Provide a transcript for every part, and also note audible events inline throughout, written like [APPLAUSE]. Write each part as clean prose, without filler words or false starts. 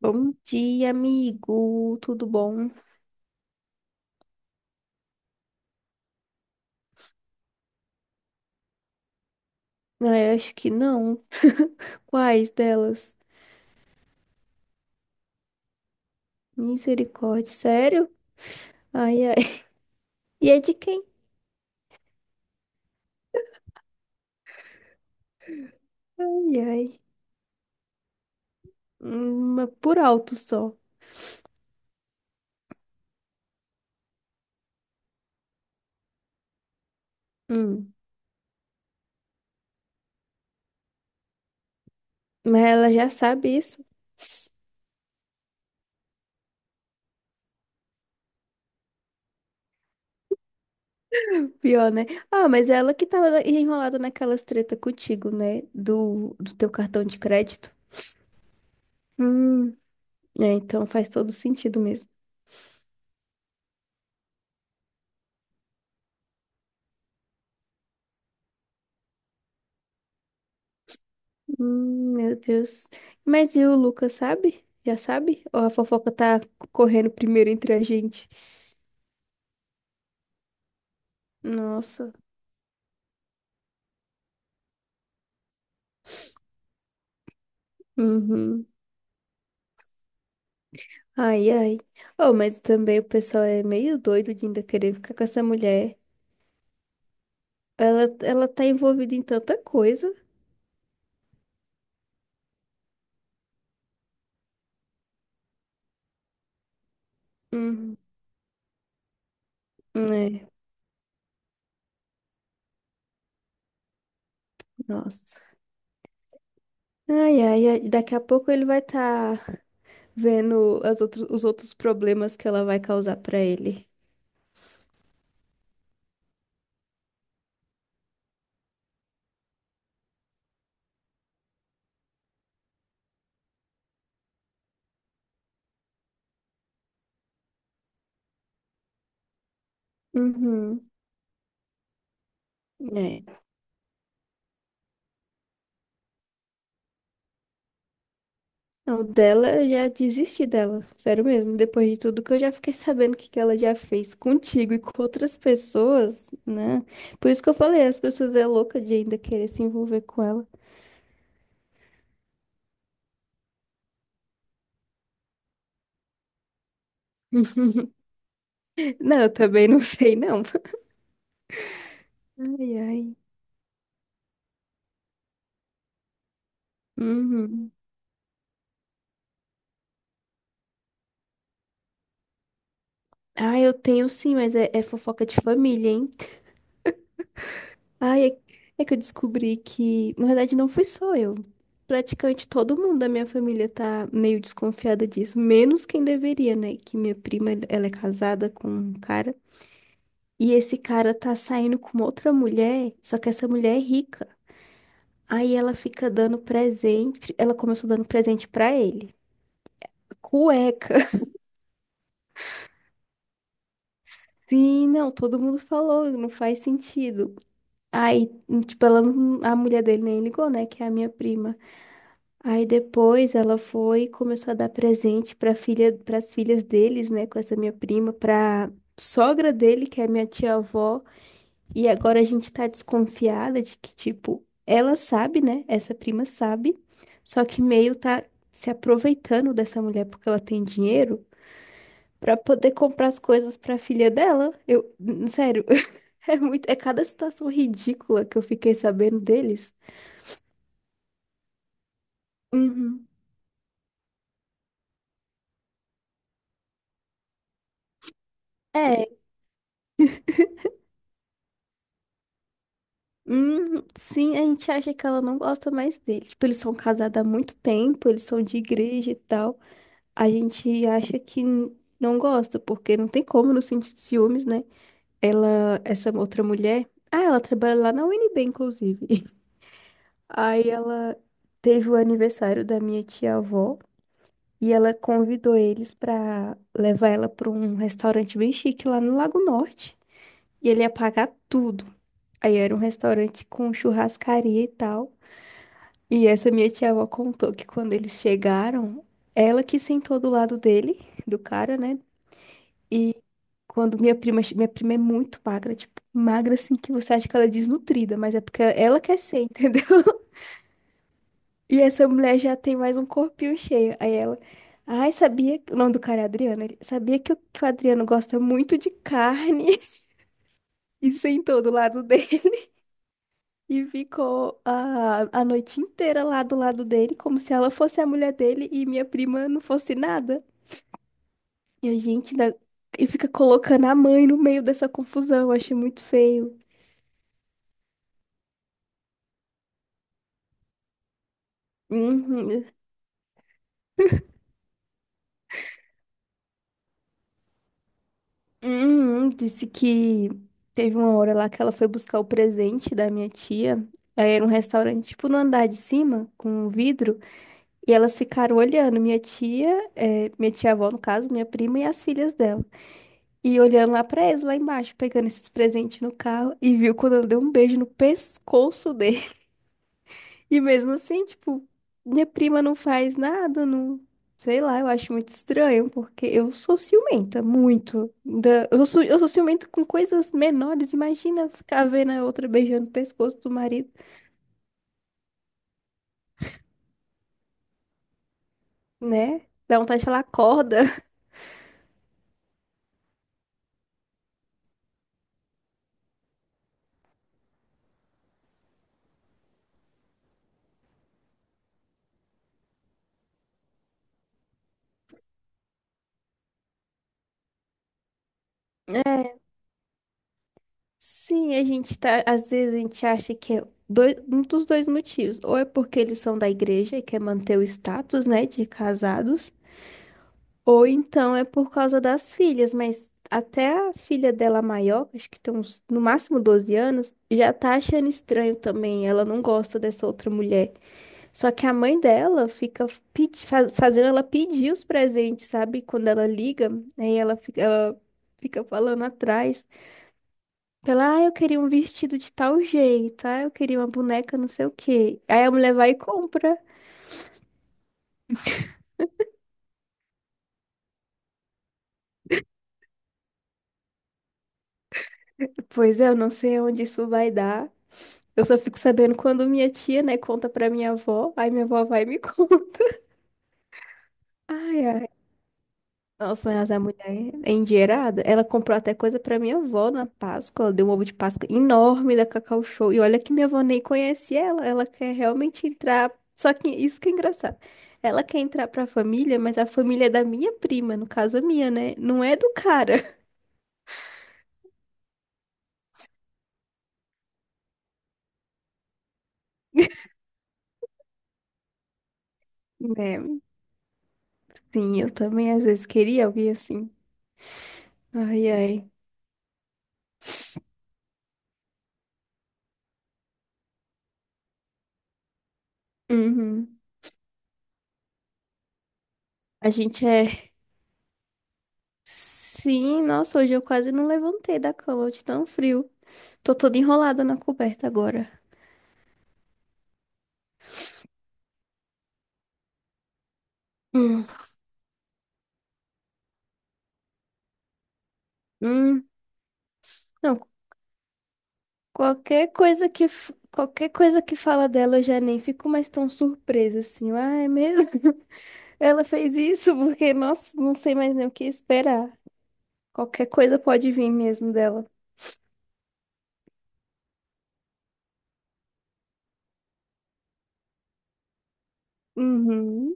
Bom dia, amigo. Tudo bom? Ah, eu acho que não. Quais delas? Misericórdia, sério? Ai, ai. [LAUGHS] E é de quem? Ai, ai. Mas por alto só. Hum. Mas ela já sabe isso. Pior, né? Ah, mas é ela que enrolada naquelas treta contigo, né? Do teu cartão de crédito. Hum. É, então faz todo sentido mesmo. Meu Deus. Mas e o Lucas, sabe? Já sabe? Ou a fofoca tá correndo primeiro entre a gente? Nossa. Uhum. Ai, ai. Oh, mas também o pessoal é meio doido de ainda querer ficar com essa mulher. Ela tá envolvida em tanta coisa. Uhum. É, nossa. Ai, ai, ai. Daqui a pouco ele vai estar tá vendo as outros os outros problemas que ela vai causar pra ele. Uhum. É. Não, dela eu já desisti dela, sério mesmo. Depois de tudo que eu já fiquei sabendo que ela já fez contigo e com outras pessoas, né? Por isso que eu falei, as pessoas é louca de ainda querer se envolver com ela. [LAUGHS] Não, eu também não sei, não. Ai, ai. Uhum. Ah, eu tenho sim, mas é fofoca de família, hein? Ai, é, é que eu descobri que, na verdade, não fui só eu. Praticamente todo mundo da minha família tá meio desconfiada disso, menos quem deveria, né? Que minha prima, ela é casada com um cara, e esse cara tá saindo com outra mulher, só que essa mulher é rica. Aí ela fica dando presente, ela começou dando presente pra ele. Cueca. [LAUGHS] Sim, não, todo mundo falou, não faz sentido. Aí, tipo, ela, não- a mulher dele nem ligou, né? Que é a minha prima. Aí depois ela foi e começou a dar presente para filha, para as filhas deles, né, com essa minha prima, para sogra dele, que é minha tia-avó, e agora a gente tá desconfiada de que tipo, ela sabe, né? Essa prima sabe, só que meio tá se aproveitando dessa mulher porque ela tem dinheiro para poder comprar as coisas para filha dela. Sério, [LAUGHS] é muito, é cada situação ridícula que eu fiquei sabendo deles. Uhum. É, hum, sim, a gente acha que ela não gosta mais dele. Tipo, eles são casados há muito tempo, eles são de igreja e tal. A gente acha que não gosta, porque não tem como não sentir ciúmes, né? Ela, essa outra mulher, ah, ela trabalha lá na UNB, inclusive. [LAUGHS] Aí ela teve o aniversário da minha tia-avó e ela convidou eles pra levar ela pra um restaurante bem chique lá no Lago Norte. E ele ia pagar tudo. Aí era um restaurante com churrascaria e tal. E essa minha tia-avó contou que quando eles chegaram, ela que sentou do lado dele, do cara, né? E quando minha prima é muito magra, tipo, magra assim que você acha que ela é desnutrida, mas é porque ela quer ser, [LAUGHS] entendeu? E essa mulher já tem mais um corpinho cheio. Aí ela, ai, sabia que o nome do cara é Adriano? Ele, sabia que que o Adriano gosta muito de carne [LAUGHS] e sentou do lado dele. E ficou a noite inteira lá do lado dele, como se ela fosse a mulher dele e minha prima não fosse nada. E a gente ainda... E fica colocando a mãe no meio dessa confusão, eu achei muito feio. Uhum. Uhum. Disse que teve uma hora lá que ela foi buscar o presente da minha tia. Aí era um restaurante, tipo, no andar de cima, com um vidro. E elas ficaram olhando, minha tia, minha tia-avó, no caso, minha prima e as filhas dela. E olhando lá pra eles, lá embaixo, pegando esses presentes no carro, e viu quando ela deu um beijo no pescoço dele. [LAUGHS] E mesmo assim, tipo, minha prima não faz nada, não. Sei lá, eu acho muito estranho, porque eu sou ciumenta, muito. Eu sou ciumenta com coisas menores, imagina ficar vendo a outra beijando o pescoço do marido, né? Dá vontade de falar, acorda. Sim, a gente tá, às vezes a gente acha que é dois, um dos dois motivos, ou é porque eles são da igreja e quer manter o status, né, de casados, ou então é por causa das filhas, mas até a filha dela maior, acho que tem uns, no máximo 12 anos, já tá achando estranho também, ela não gosta dessa outra mulher. Só que a mãe dela fica fazendo ela pedir os presentes, sabe? Quando ela liga, ela fica falando atrás. Pela, ah, eu queria um vestido de tal jeito, ah, eu queria uma boneca não sei o quê. Aí a mulher vai e compra. Pois é, eu não sei onde isso vai dar. Eu só fico sabendo quando minha tia, né, conta pra minha avó, aí minha avó vai e me [LAUGHS] conta. Ai, ai. Nossa, mas a mulher é endinheirada. Ela comprou até coisa pra minha avó na Páscoa. Ela deu um ovo de Páscoa enorme da Cacau Show. E olha que minha avó nem conhece ela. Ela quer realmente entrar. Só que isso que é engraçado. Ela quer entrar pra família, mas a família é da minha prima, no caso a minha, né? Não é do cara. [LAUGHS] É, sim, eu também às vezes queria alguém assim. Ai, ai. Uhum. A gente é. Sim, nossa, hoje eu quase não levantei da cama de tão frio. Tô toda enrolada na coberta agora. Hum. Hum, não, qualquer coisa que fala dela eu já nem fico mais tão surpresa assim. Ah, é mesmo? [LAUGHS] Ela fez isso porque, nossa, não sei mais nem o que esperar. Qualquer coisa pode vir mesmo dela. Uhum.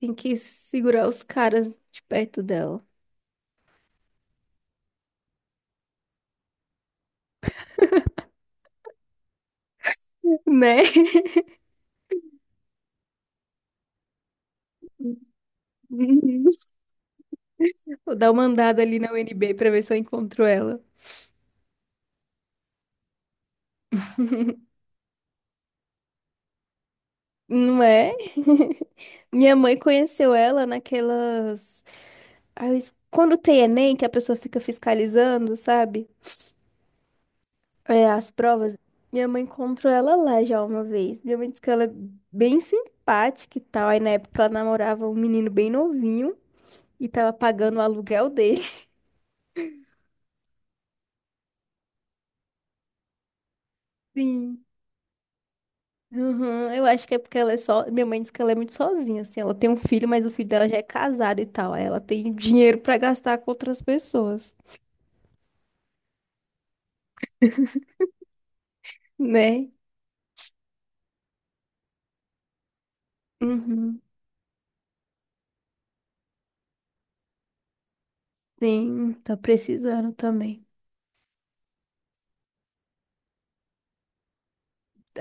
Tem que segurar os caras de perto dela, [LAUGHS] né? Uhum. Vou dar uma andada ali na UNB pra ver se eu encontro ela. Não é? [LAUGHS] Minha mãe conheceu ela naquelas. Quando tem Enem, que a pessoa fica fiscalizando, sabe? É, as provas. Minha mãe encontrou ela lá já uma vez. Minha mãe disse que ela é bem simpática e tal. Aí na época ela namorava um menino bem novinho e tava pagando o aluguel dele. [LAUGHS] Sim. Uhum, eu acho que é porque ela é só. Minha mãe disse que ela é muito sozinha, assim. Ela tem um filho, mas o filho dela já é casado e tal. Aí ela tem dinheiro pra gastar com outras pessoas, [LAUGHS] né? Uhum. Sim, tá precisando também.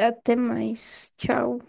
Até mais. Tchau.